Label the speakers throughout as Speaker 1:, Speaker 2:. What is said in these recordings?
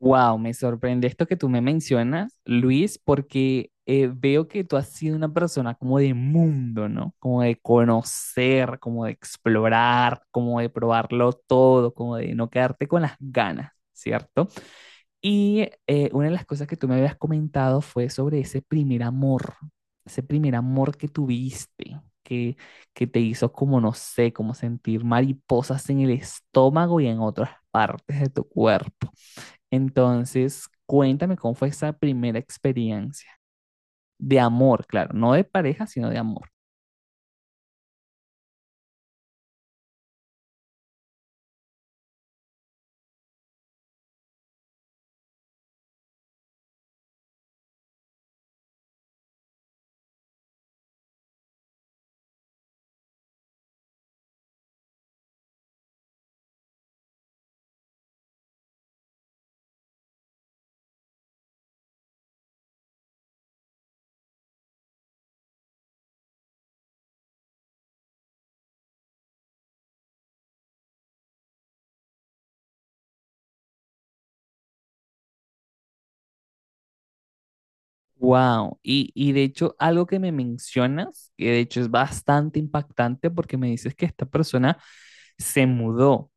Speaker 1: Wow, me sorprende esto que tú me mencionas, Luis, porque veo que tú has sido una persona como de mundo, ¿no? Como de conocer, como de explorar, como de probarlo todo, como de no quedarte con las ganas, ¿cierto? Y una de las cosas que tú me habías comentado fue sobre ese primer amor que tuviste, que te hizo como, no sé, como sentir mariposas en el estómago y en otras partes de tu cuerpo. Entonces, cuéntame cómo fue esa primera experiencia de amor, claro, no de pareja, sino de amor. Wow, y de hecho algo que me mencionas, que de hecho es bastante impactante porque me dices que esta persona se mudó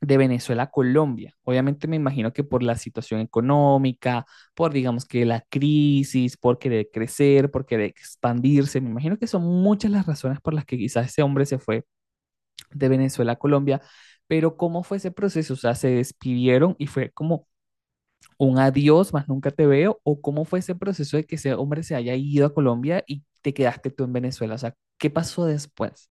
Speaker 1: de Venezuela a Colombia. Obviamente me imagino que por la situación económica, por digamos que la crisis, por querer crecer, por querer expandirse, me imagino que son muchas las razones por las que quizás ese hombre se fue de Venezuela a Colombia, pero ¿cómo fue ese proceso? O sea, ¿se despidieron y fue como un adiós, más nunca te veo? ¿O cómo fue ese proceso de que ese hombre se haya ido a Colombia y te quedaste tú en Venezuela? O sea, ¿qué pasó después?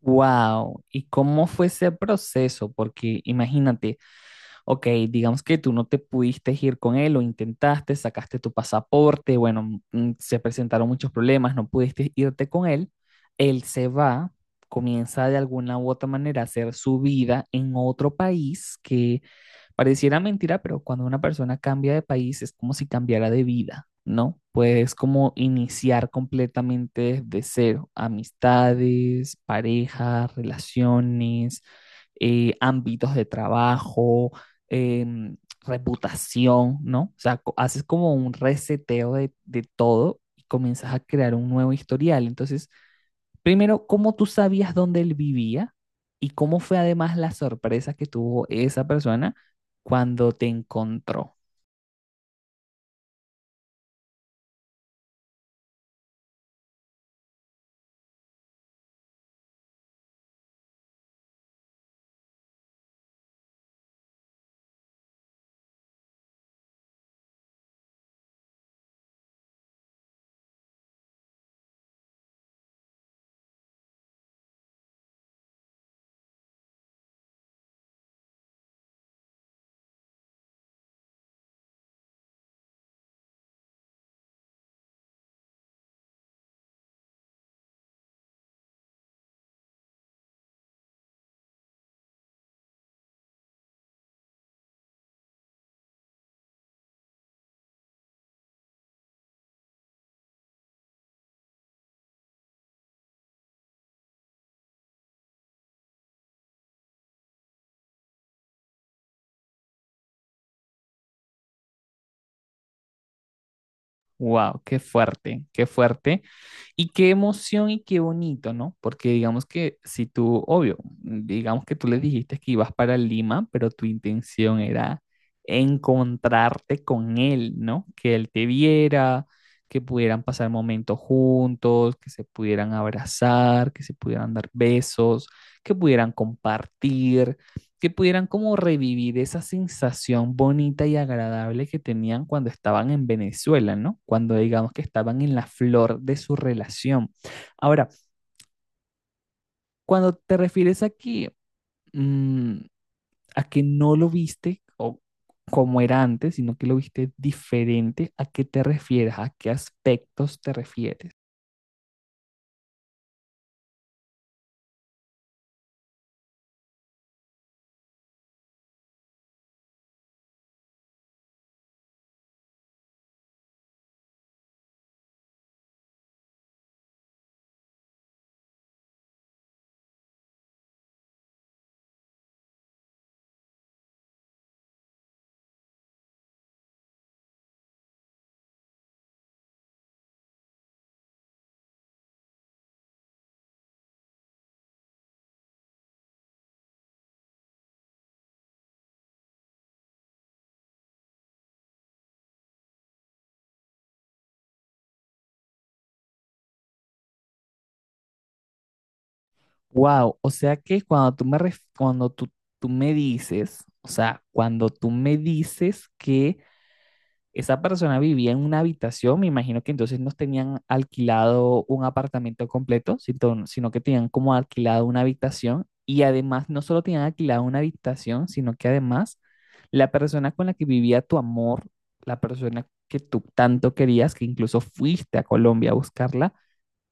Speaker 1: Wow, ¿y cómo fue ese proceso? Porque imagínate, ok, digamos que tú no te pudiste ir con él o intentaste, sacaste tu pasaporte, bueno, se presentaron muchos problemas, no pudiste irte con él, él se va, comienza de alguna u otra manera a hacer su vida en otro país que pareciera mentira, pero cuando una persona cambia de país es como si cambiara de vida, ¿no? Puedes como iniciar completamente desde cero, amistades, parejas, relaciones, ámbitos de trabajo, em, reputación, ¿no? O sea, haces como un reseteo de todo y comienzas a crear un nuevo historial. Entonces, primero, ¿cómo tú sabías dónde él vivía? ¿Y cómo fue además la sorpresa que tuvo esa persona cuando te encontró? Wow, qué fuerte, qué fuerte. Y qué emoción y qué bonito, ¿no? Porque digamos que si tú, obvio, digamos que tú le dijiste que ibas para Lima, pero tu intención era encontrarte con él, ¿no? Que él te viera, que pudieran pasar momentos juntos, que se pudieran abrazar, que se pudieran dar besos, que pudieran compartir, que pudieran como revivir esa sensación bonita y agradable que tenían cuando estaban en Venezuela, ¿no? Cuando digamos que estaban en la flor de su relación. Ahora, cuando te refieres aquí, mmm, a que no lo viste o como era antes, sino que lo viste diferente, ¿a qué te refieres? ¿A qué aspectos te refieres? Wow, o sea que cuando cuando tú me dices, o sea, cuando tú me dices que esa persona vivía en una habitación, me imagino que entonces no tenían alquilado un apartamento completo, sino que tenían como alquilado una habitación y además no solo tenían alquilado una habitación, sino que además la persona con la que vivía tu amor, la persona que tú tanto querías, que incluso fuiste a Colombia a buscarla,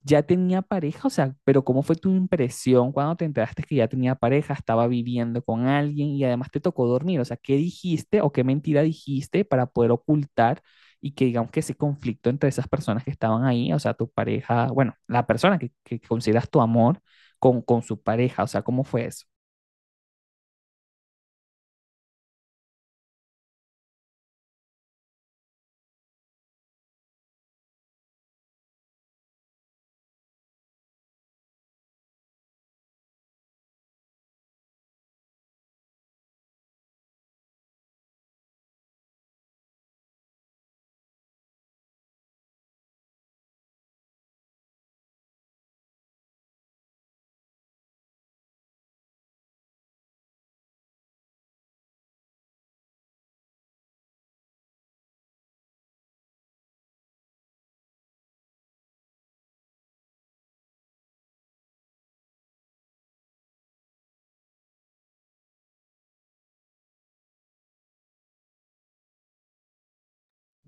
Speaker 1: ¿ya tenía pareja? O sea, pero ¿cómo fue tu impresión cuando te enteraste que ya tenía pareja, estaba viviendo con alguien y además te tocó dormir? O sea, ¿qué dijiste o qué mentira dijiste para poder ocultar y que digamos que ese conflicto entre esas personas que estaban ahí, o sea, tu pareja, bueno, la persona que consideras tu amor con su pareja, o sea, ¿cómo fue eso?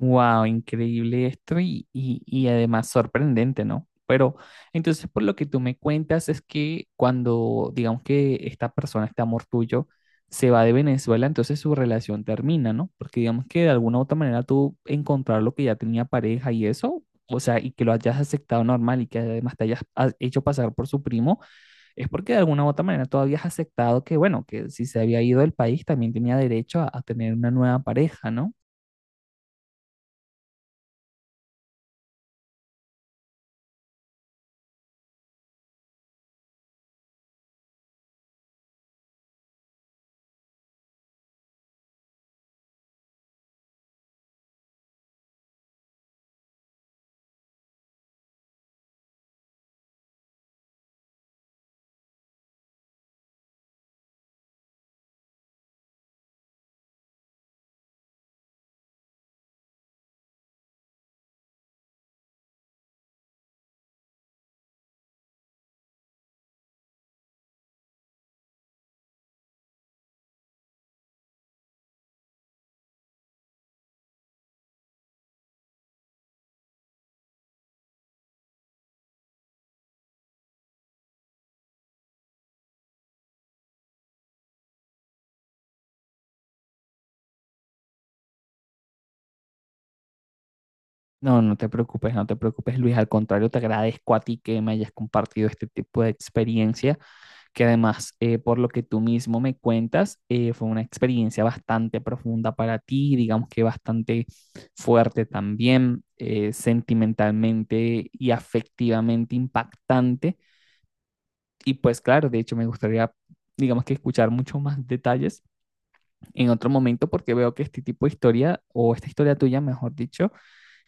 Speaker 1: Wow, increíble esto y además sorprendente, ¿no? Pero entonces por lo que tú me cuentas es que cuando digamos que esta persona, este amor tuyo, se va de Venezuela, entonces su relación termina, ¿no? Porque digamos que de alguna u otra manera tú encontrar lo que ya tenía pareja y eso, o sea, y que lo hayas aceptado normal y que además te hayas hecho pasar por su primo, es porque de alguna u otra manera tú habías aceptado que, bueno, que si se había ido del país también tenía derecho a tener una nueva pareja, ¿no? No, no te preocupes, no te preocupes, Luis. Al contrario, te agradezco a ti que me hayas compartido este tipo de experiencia, que además, por lo que tú mismo me cuentas, fue una experiencia bastante profunda para ti, digamos que bastante fuerte también, sentimentalmente y afectivamente impactante. Y pues claro, de hecho, me gustaría digamos que escuchar muchos más detalles en otro momento porque veo que este tipo de historia o esta historia tuya, mejor dicho,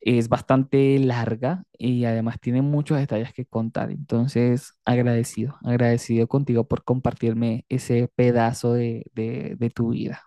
Speaker 1: es bastante larga y además tiene muchos detalles que contar. Entonces, agradecido, agradecido contigo por compartirme ese pedazo de tu vida.